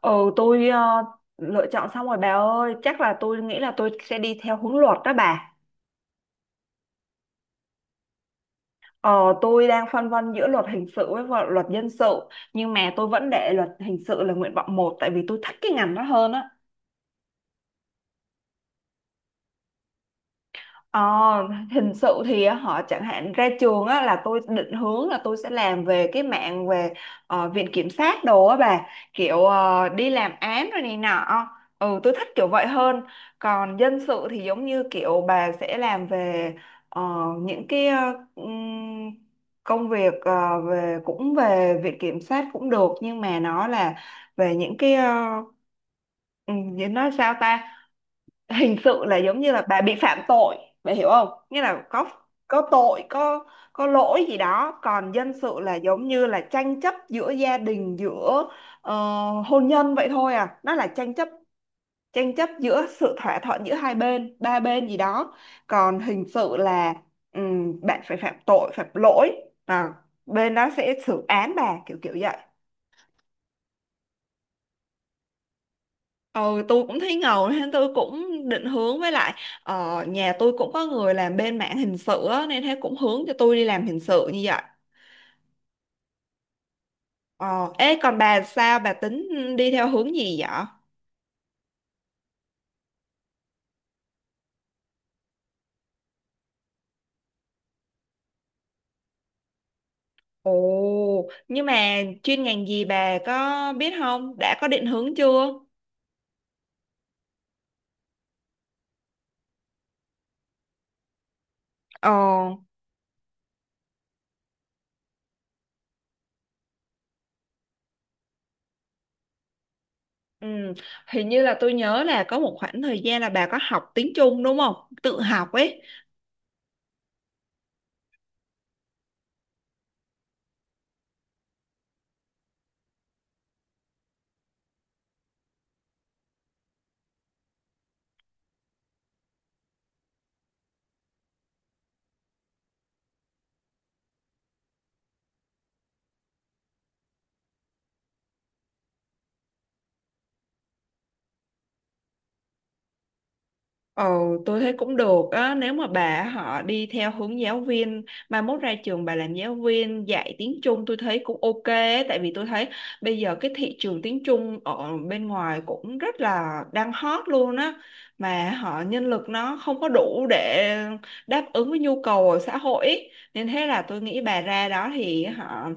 Ừ, tôi ờ, Lựa chọn xong rồi bà ơi, chắc là tôi nghĩ là tôi sẽ đi theo hướng luật đó bà. Ờ, tôi đang phân vân giữa luật hình sự với luật dân sự, nhưng mà tôi vẫn để luật hình sự là nguyện vọng 1 tại vì tôi thích cái ngành đó hơn á. Ờ, Hình sự thì họ chẳng hạn ra trường á, là tôi định hướng là tôi sẽ làm về cái mạng về viện kiểm sát đồ á bà, kiểu đi làm án rồi này nọ. Ừ, tôi thích kiểu vậy hơn. Còn dân sự thì giống như kiểu bà sẽ làm về ờ, những cái ừm, công việc về, cũng về viện kiểm sát cũng được nhưng mà nó là về những cái nói sao ta. Hình sự là giống như là bà bị phạm tội, bà hiểu không, nghĩa là có tội, có lỗi gì đó. Còn dân sự là giống như là tranh chấp giữa gia đình, giữa ờ, hôn nhân vậy thôi à, nó là tranh chấp, giữa sự thỏa thuận giữa hai bên ba bên gì đó. Còn hình sự là bạn phải phạm tội phạm lỗi, à, bên đó sẽ xử án bà, kiểu kiểu vậy. Ừ, tôi cũng thấy ngầu nên tôi cũng định hướng, với lại nhà tôi cũng có người làm bên mảng hình sự á, nên thế cũng hướng cho tôi đi làm hình sự như vậy. Ờ, ê còn bà sao, bà tính đi theo hướng gì vậy? Ồ, nhưng mà chuyên ngành gì bà có biết không? Đã có định hướng chưa? Ờ, ừ, hình như là tôi nhớ là có một khoảng thời gian là bà có học tiếng Trung đúng không? Tự học ấy. Ồ, tôi thấy cũng được á, nếu mà bà họ đi theo hướng giáo viên, mai mốt ra trường bà làm giáo viên dạy tiếng Trung tôi thấy cũng ok á, tại vì tôi thấy bây giờ cái thị trường tiếng Trung ở bên ngoài cũng rất là đang hot luôn á, mà họ nhân lực nó không có đủ để đáp ứng với nhu cầu ở xã hội ý. Nên thế là tôi nghĩ bà ra đó thì họ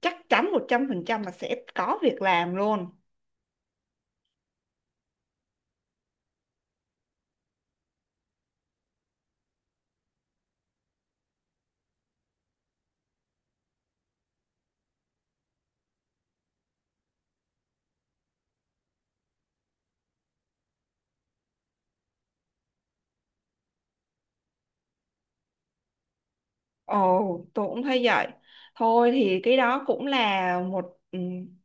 chắc chắn 100% là sẽ có việc làm luôn. Ồ, tôi cũng thấy vậy. Thôi thì cái đó cũng là một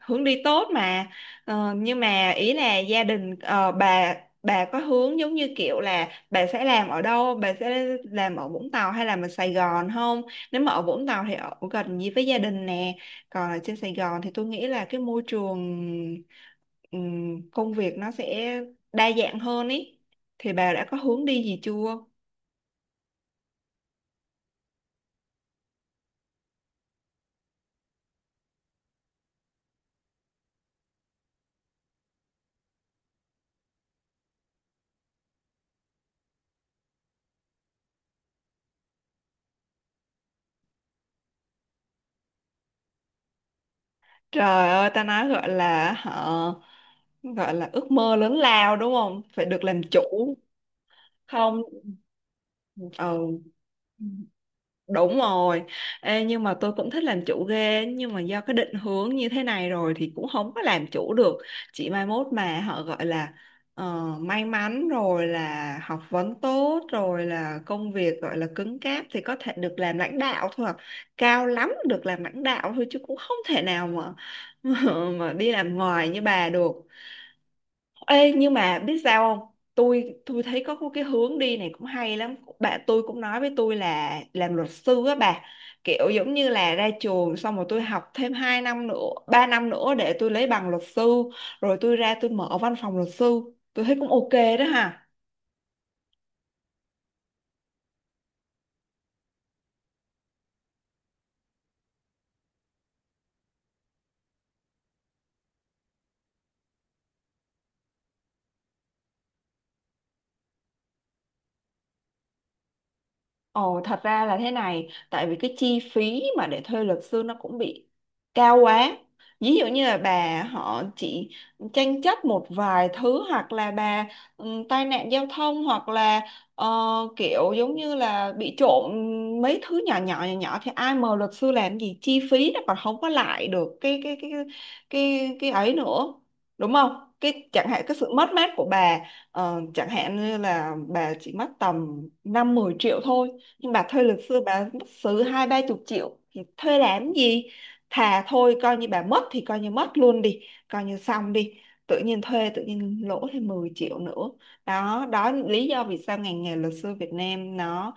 hướng đi tốt mà. Nhưng mà ý là gia đình bà có hướng giống như kiểu là bà sẽ làm ở đâu, bà sẽ làm ở Vũng Tàu hay là ở Sài Gòn không? Nếu mà ở Vũng Tàu thì ở gần gì với gia đình nè. Còn ở trên Sài Gòn thì tôi nghĩ là cái môi trường công việc nó sẽ đa dạng hơn ý. Thì bà đã có hướng đi gì chưa? Trời ơi, ta nói, gọi là hả, gọi là ước mơ lớn lao đúng không, phải được làm chủ. Không ờ Đúng rồi. Ê, nhưng mà tôi cũng thích làm chủ ghê nhưng mà do cái định hướng như thế này rồi thì cũng không có làm chủ được. Chỉ mai mốt mà họ gọi là may mắn rồi, là học vấn tốt rồi, là công việc gọi là cứng cáp thì có thể được làm lãnh đạo thôi à. Cao lắm được làm lãnh đạo thôi chứ cũng không thể nào mà mà đi làm ngoài như bà được. Ê, nhưng mà biết sao không? Tôi thấy có cái hướng đi này cũng hay lắm, bạn tôi cũng nói với tôi là làm luật sư á bà, kiểu giống như là ra trường xong rồi tôi học thêm 2 năm nữa 3 năm nữa để tôi lấy bằng luật sư rồi tôi ra tôi mở văn phòng luật sư, tôi thấy cũng ok đó ha. Ồ, thật ra là thế này, tại vì cái chi phí mà để thuê luật sư nó cũng bị cao quá. Ví dụ như là bà họ chỉ tranh chấp một vài thứ hoặc là bà tai nạn giao thông hoặc là ờ, kiểu giống như là bị trộm mấy thứ nhỏ nhỏ nhỏ nhỏ thì ai mời luật sư làm gì, chi phí nó còn không có lại được cái ấy nữa. Đúng không? Cái chẳng hạn cái sự mất mát của bà chẳng hạn như là bà chỉ mất tầm 5-10 triệu thôi, nhưng bà thuê luật sư bà mất xứ 20-30 triệu thì thuê làm gì, thà thôi coi như bà mất thì coi như mất luôn đi, coi như xong đi, tự nhiên thuê tự nhiên lỗ thêm 10 triệu nữa. Đó đó là lý do vì sao ngành nghề luật sư Việt Nam nó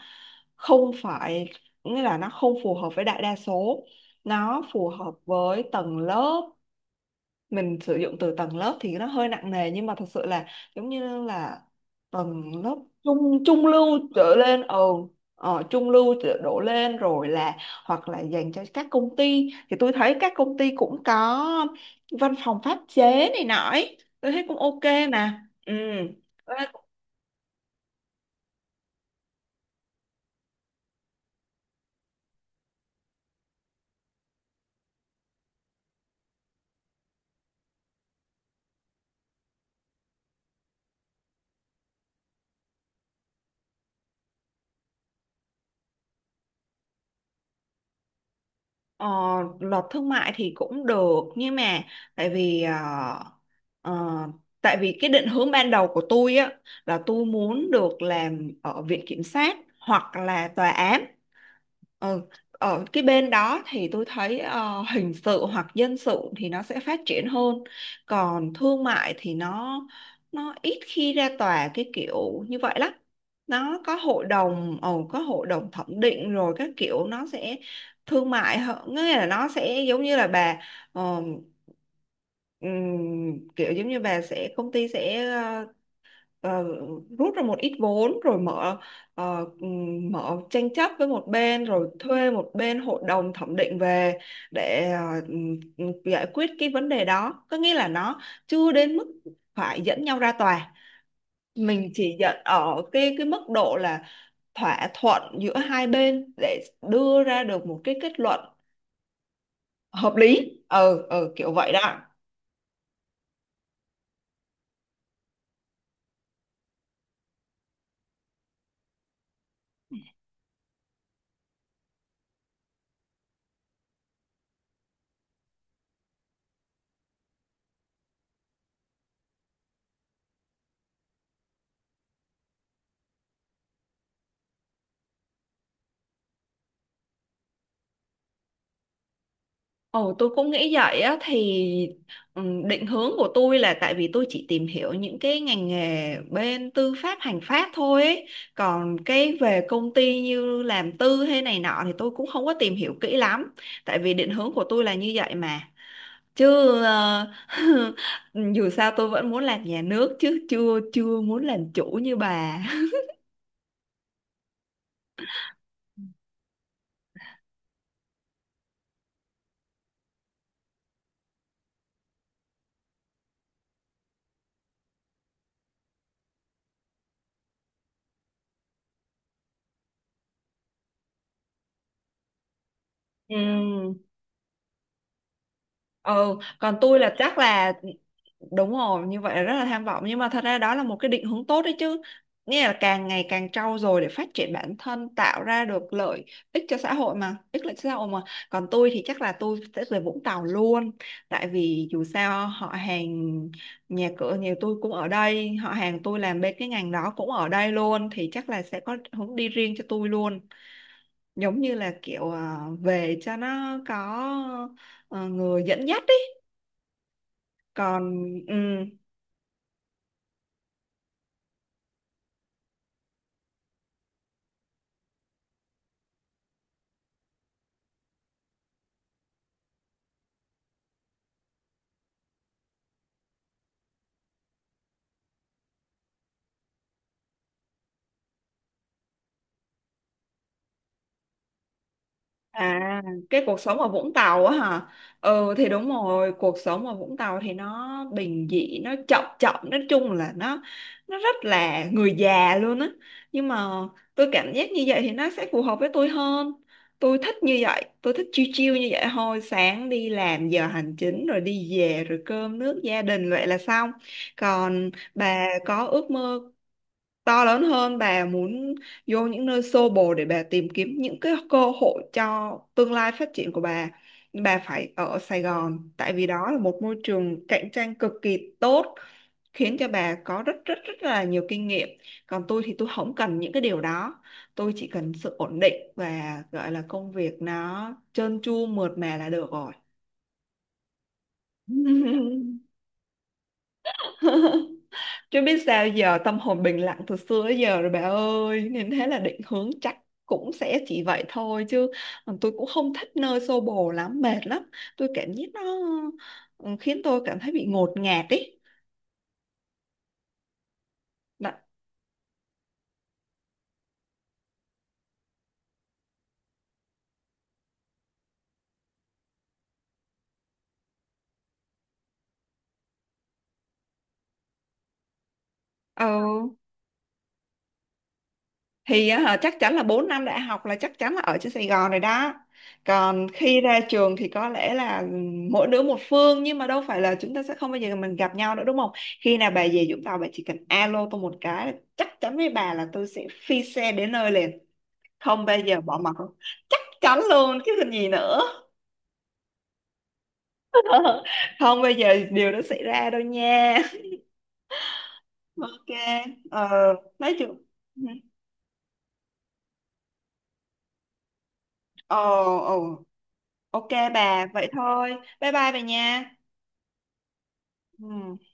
không phải, nghĩa là nó không phù hợp với đại đa số, nó phù hợp với tầng lớp, mình sử dụng từ tầng lớp thì nó hơi nặng nề nhưng mà thật sự là giống như là tầng lớp trung trung lưu trở lên. Ừ, trung lưu đổ lên rồi, là hoặc là dành cho các công ty thì tôi thấy các công ty cũng có văn phòng pháp chế này nọ ấy. Tôi thấy cũng ok mà ừ. Tôi thấy cũng- ờ, luật thương mại thì cũng được nhưng mà tại vì ờ, tại vì cái định hướng ban đầu của tôi á là tôi muốn được làm ở viện kiểm sát hoặc là tòa án. Ừ. Ở cái bên đó thì tôi thấy hình sự hoặc dân sự thì nó sẽ phát triển hơn, còn thương mại thì nó ít khi ra tòa cái kiểu như vậy lắm. Nó có hội đồng có hội đồng thẩm định rồi các kiểu, nó sẽ thương mại hơn, nghĩa là nó sẽ giống như là bà ờ, kiểu giống như bà sẽ, công ty sẽ ờ, rút ra một ít vốn rồi mở mở tranh chấp với một bên rồi thuê một bên hội đồng thẩm định về để giải quyết cái vấn đề đó, có nghĩa là nó chưa đến mức phải dẫn nhau ra tòa, mình chỉ dẫn ở cái mức độ là thỏa thuận giữa hai bên để đưa ra được một cái kết luận hợp lý. Ừ ừ kiểu vậy đó. Ồ, tôi cũng nghĩ vậy á thì định hướng của tôi là tại vì tôi chỉ tìm hiểu những cái ngành nghề bên tư pháp hành pháp thôi ấy. Còn cái về công ty như làm tư hay này nọ thì tôi cũng không có tìm hiểu kỹ lắm, tại vì định hướng của tôi là như vậy mà chứ ờ, dù sao tôi vẫn muốn làm nhà nước chứ chưa chưa muốn làm chủ như bà. Ừ. ừ Còn tôi là chắc là đúng rồi, như vậy là rất là tham vọng nhưng mà thật ra đó là một cái định hướng tốt đấy chứ, nghĩa là càng ngày càng trau dồi để phát triển bản thân, tạo ra được lợi ích cho xã hội mà, ích lợi cho xã hội mà. Còn tôi thì chắc là tôi sẽ về Vũng Tàu luôn, tại vì dù sao họ hàng nhà cửa nhà tôi cũng ở đây, họ hàng tôi làm bên cái ngành đó cũng ở đây luôn thì chắc là sẽ có hướng đi riêng cho tôi luôn, giống như là kiểu à, về cho nó có người dẫn dắt. Còn à cái cuộc sống ở Vũng Tàu á hả, ừ thì đúng rồi, cuộc sống ở Vũng Tàu thì nó bình dị, nó chậm chậm, nói chung là nó rất là người già luôn á. Nhưng mà tôi cảm giác như vậy thì nó sẽ phù hợp với tôi hơn, tôi thích như vậy, tôi thích chill chill như vậy thôi, sáng đi làm giờ hành chính rồi đi về rồi cơm nước gia đình vậy là xong. Còn bà có ước mơ to lớn hơn, bà muốn vô những nơi xô bồ để bà tìm kiếm những cái cơ hội cho tương lai phát triển của bà. Nhưng bà phải ở Sài Gòn tại vì đó là một môi trường cạnh tranh cực kỳ tốt, khiến cho bà có rất rất rất là nhiều kinh nghiệm. Còn tôi thì tôi không cần những cái điều đó, tôi chỉ cần sự ổn định và gọi là công việc nó trơn tru mượt mà là được rồi. Chứ biết sao giờ, tâm hồn bình lặng từ xưa tới giờ rồi bà ơi. Nên thế là định hướng chắc cũng sẽ chỉ vậy thôi. Chứ còn tôi cũng không thích nơi xô bồ lắm, mệt lắm. Tôi cảm giác nó khiến tôi cảm thấy bị ngột ngạt ý. Đó. Ừ, thì á chắc chắn là 4 năm đại học là chắc chắn là ở trên Sài Gòn rồi đó. Còn khi ra trường thì có lẽ là mỗi đứa một phương, nhưng mà đâu phải là chúng ta sẽ không bao giờ mình gặp nhau nữa đúng không. Khi nào bà về Vũng Tàu bà chỉ cần alo tôi một cái là chắc chắn với bà là tôi sẽ phi xe đến nơi liền, không bao giờ bỏ mặc. Chắc chắn luôn chứ còn gì nữa. Không bao giờ điều đó xảy ra đâu nha. Ok. ờ, nói chung, ừ. Ồ. Ồ. Ok bà, vậy thôi. Bye bye bà nha. Ừ.